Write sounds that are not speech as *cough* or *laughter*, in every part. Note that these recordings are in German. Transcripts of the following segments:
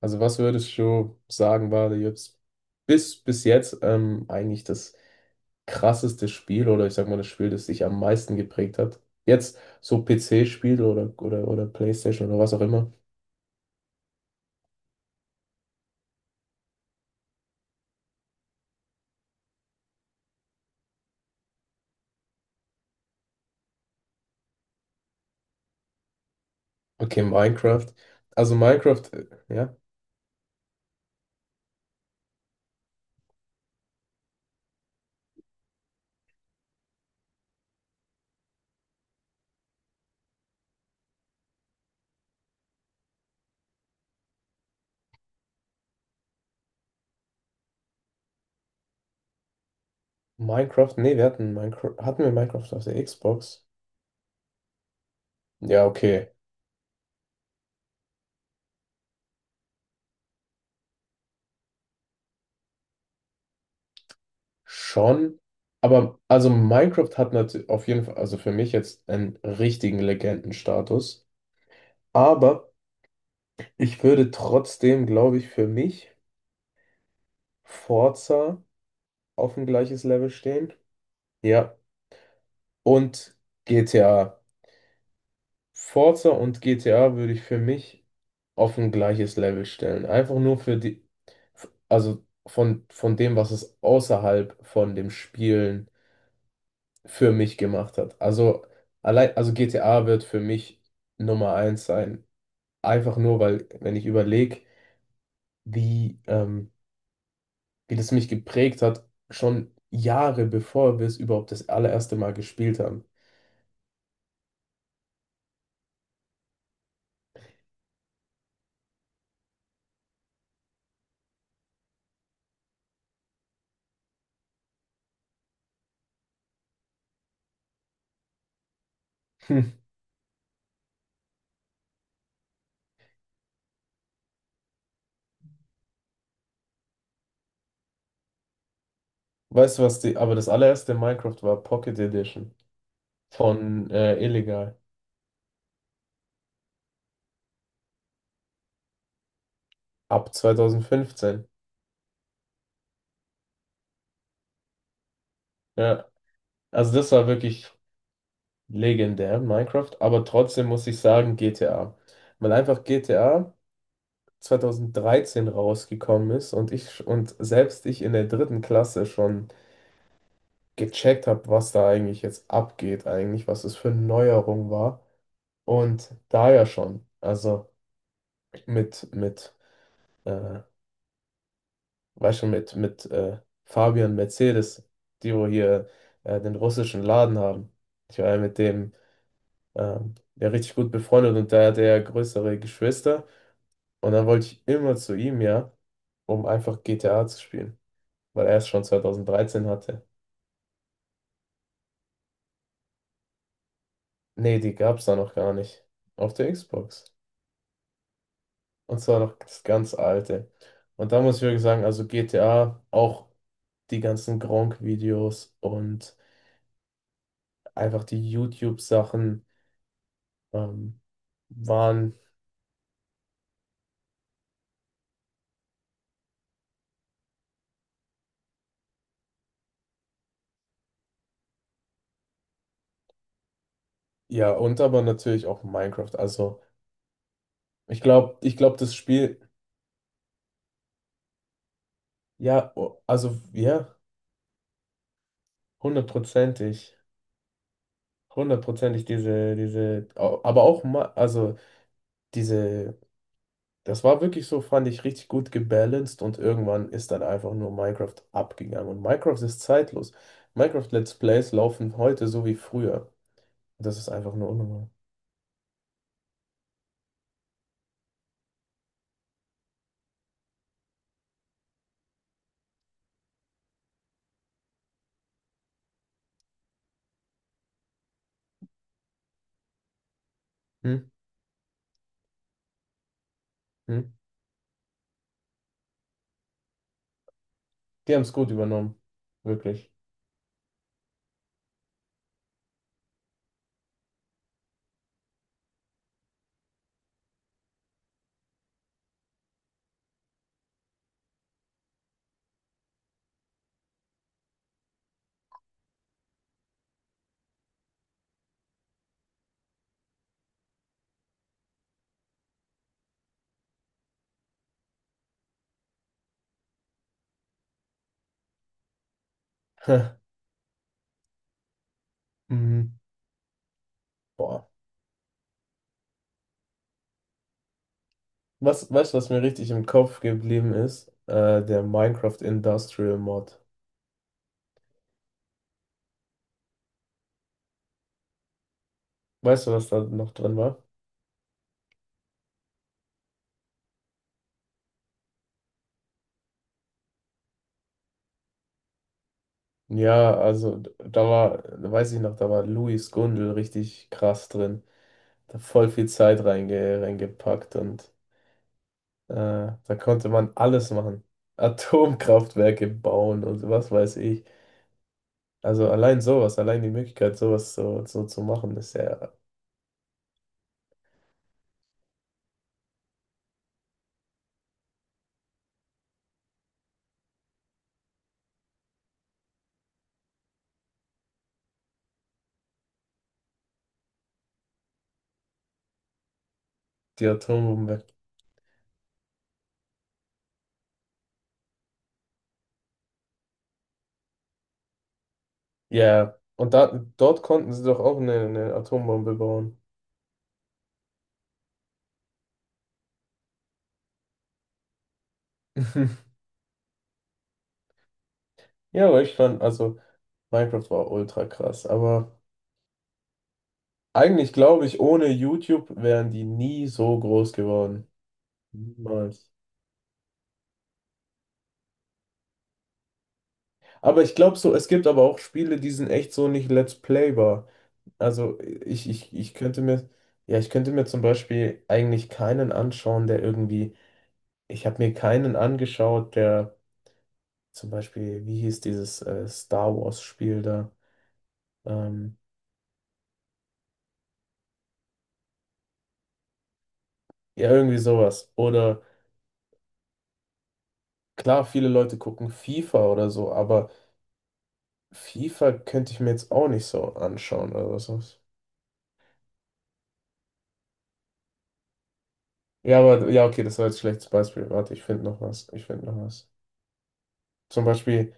Also was würdest du sagen, war jetzt bis jetzt eigentlich das krasseste Spiel oder ich sag mal das Spiel, das dich am meisten geprägt hat? Jetzt so PC-Spiel oder PlayStation oder was auch immer. Okay, Minecraft. Also Minecraft, ja. Minecraft, nee, wir hatten Minecraft, hatten wir Minecraft auf der Xbox? Ja, okay, schon. Aber also Minecraft hat natürlich auf jeden Fall, also für mich jetzt einen richtigen Legendenstatus. Aber ich würde trotzdem, glaube ich, für mich Forza auf ein gleiches Level stehen. Ja. Und GTA. Forza und GTA würde ich für mich auf ein gleiches Level stellen. Einfach nur für die, also von dem, was es außerhalb von dem Spielen für mich gemacht hat. Also allein, also GTA wird für mich Nummer eins sein. Einfach nur, weil, wenn ich überlege, wie, wie das mich geprägt hat, schon Jahre bevor wir es überhaupt das allererste Mal gespielt haben. Hm. Weißt du was, die, aber das allererste Minecraft war Pocket Edition von Illegal ab 2015. Ja, also das war wirklich legendär, Minecraft, aber trotzdem muss ich sagen GTA, weil einfach GTA 2013 rausgekommen ist und ich und selbst ich in der dritten Klasse schon gecheckt habe, was da eigentlich jetzt abgeht, eigentlich, was es für eine Neuerung war. Und da ja schon, also mit, mit, äh, weißt schon, mit Fabian Mercedes, die wo hier den russischen Laden haben. Ich war ja mit dem ja richtig gut befreundet und da hat er ja größere Geschwister. Und dann wollte ich immer zu ihm, ja, um einfach GTA zu spielen, weil er es schon 2013 hatte. Nee, die gab es da noch gar nicht auf der Xbox. Und zwar noch das ganz alte. Und da muss ich wirklich sagen, also GTA, auch die ganzen Gronkh-Videos und einfach die YouTube-Sachen ähm, waren, ja, und aber natürlich auch Minecraft. Also ich glaube, das Spiel, ja, o- also ja, hundertprozentig, hundertprozentig diese, au- aber auch, Ma- also diese. Das war wirklich so, fand ich, richtig gut gebalanced und irgendwann ist dann einfach nur Minecraft abgegangen. Und Minecraft ist zeitlos. Minecraft Let's Plays laufen heute so wie früher. Das ist einfach nur unnormal. Hm? Hm? Die haben es gut übernommen. Wirklich. *laughs* Mhm. Boah. Was, weißt du, was mir richtig im Kopf geblieben ist? Der Minecraft Industrial Mod. Weißt du, was da noch drin war? Ja, also da war, weiß ich noch, da war Louis Gundel richtig krass drin. Da voll viel Zeit reingepackt und äh, da konnte man alles machen. *laughs* Atomkraftwerke bauen und was weiß ich. Also allein sowas, allein die Möglichkeit, sowas so, so zu machen, ist ja die Atombombe. Ja, und da, dort konnten sie doch auch eine Atombombe bauen. *laughs* Ja, aber ich fand, also Minecraft war ultra krass, aber eigentlich glaube ich, ohne YouTube wären die nie so groß geworden. Niemals. Aber ich glaube so, es gibt aber auch Spiele, die sind echt so nicht Let's Playbar. Also ich könnte mir, ja, ich könnte mir zum Beispiel eigentlich keinen anschauen, der irgendwie, ich habe mir keinen angeschaut, der zum Beispiel, wie hieß dieses Star Wars Spiel da? Ähm, ja, irgendwie sowas. Oder klar, viele Leute gucken FIFA oder so, aber FIFA könnte ich mir jetzt auch nicht so anschauen oder so. Ja, aber ja, okay, das war jetzt ein schlechtes Beispiel. Warte, ich finde noch was. Ich finde noch was. Zum Beispiel,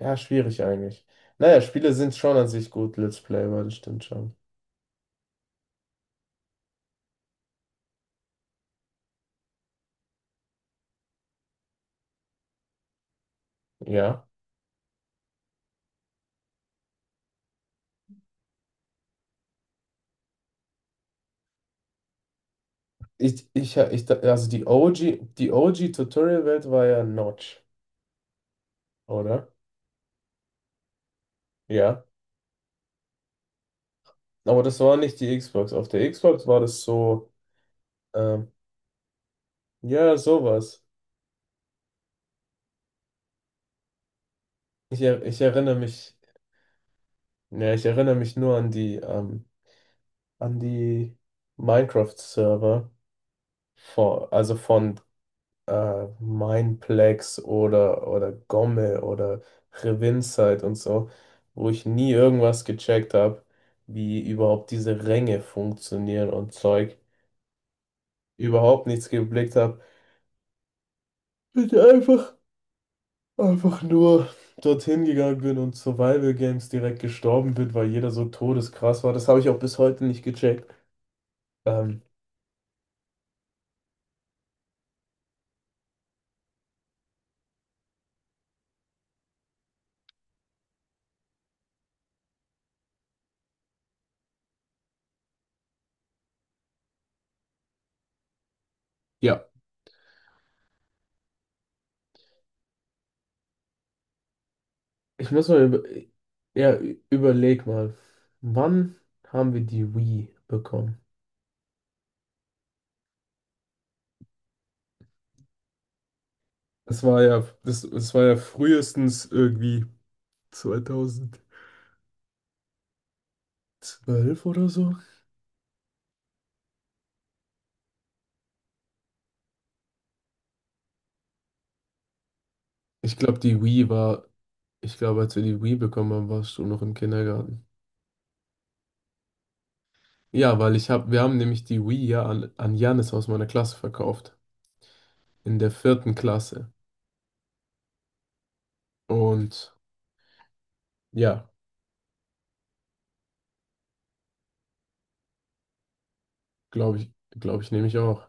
ja, schwierig eigentlich. Naja, Spiele sind schon an sich gut, Let's Play war das stimmt schon. Ja. Also die OG, die OG Tutorial-Welt war ja Notch, oder? Ja. Aber das war nicht die Xbox. Auf der Xbox war das so, ähm, ja, sowas. Ich erinnere mich, ja, ich erinnere mich nur an die Minecraft-Server, vor, also von Mineplex oder Gomme oder Revinzeit und so, wo ich nie irgendwas gecheckt habe, wie überhaupt diese Ränge funktionieren und Zeug. Überhaupt nichts geblickt habe. Bin ich einfach, einfach nur dorthin gegangen bin und Survival Games direkt gestorben bin, weil jeder so todeskrass war. Das habe ich auch bis heute nicht gecheckt. Ähm, Ja. Ich muss mal über, ja, ü- überleg mal, wann haben wir die Wii bekommen? Das war ja, das, das war ja frühestens irgendwie 2012 oder so. Ich glaube, die Wii war, ich glaube, als wir die Wii bekommen haben, warst du noch im Kindergarten. Ja, weil ich habe, wir haben nämlich die Wii ja an, an Janis aus meiner Klasse verkauft. In der vierten Klasse. Und ja, glaube ich, glaube ich, nehme ich auch.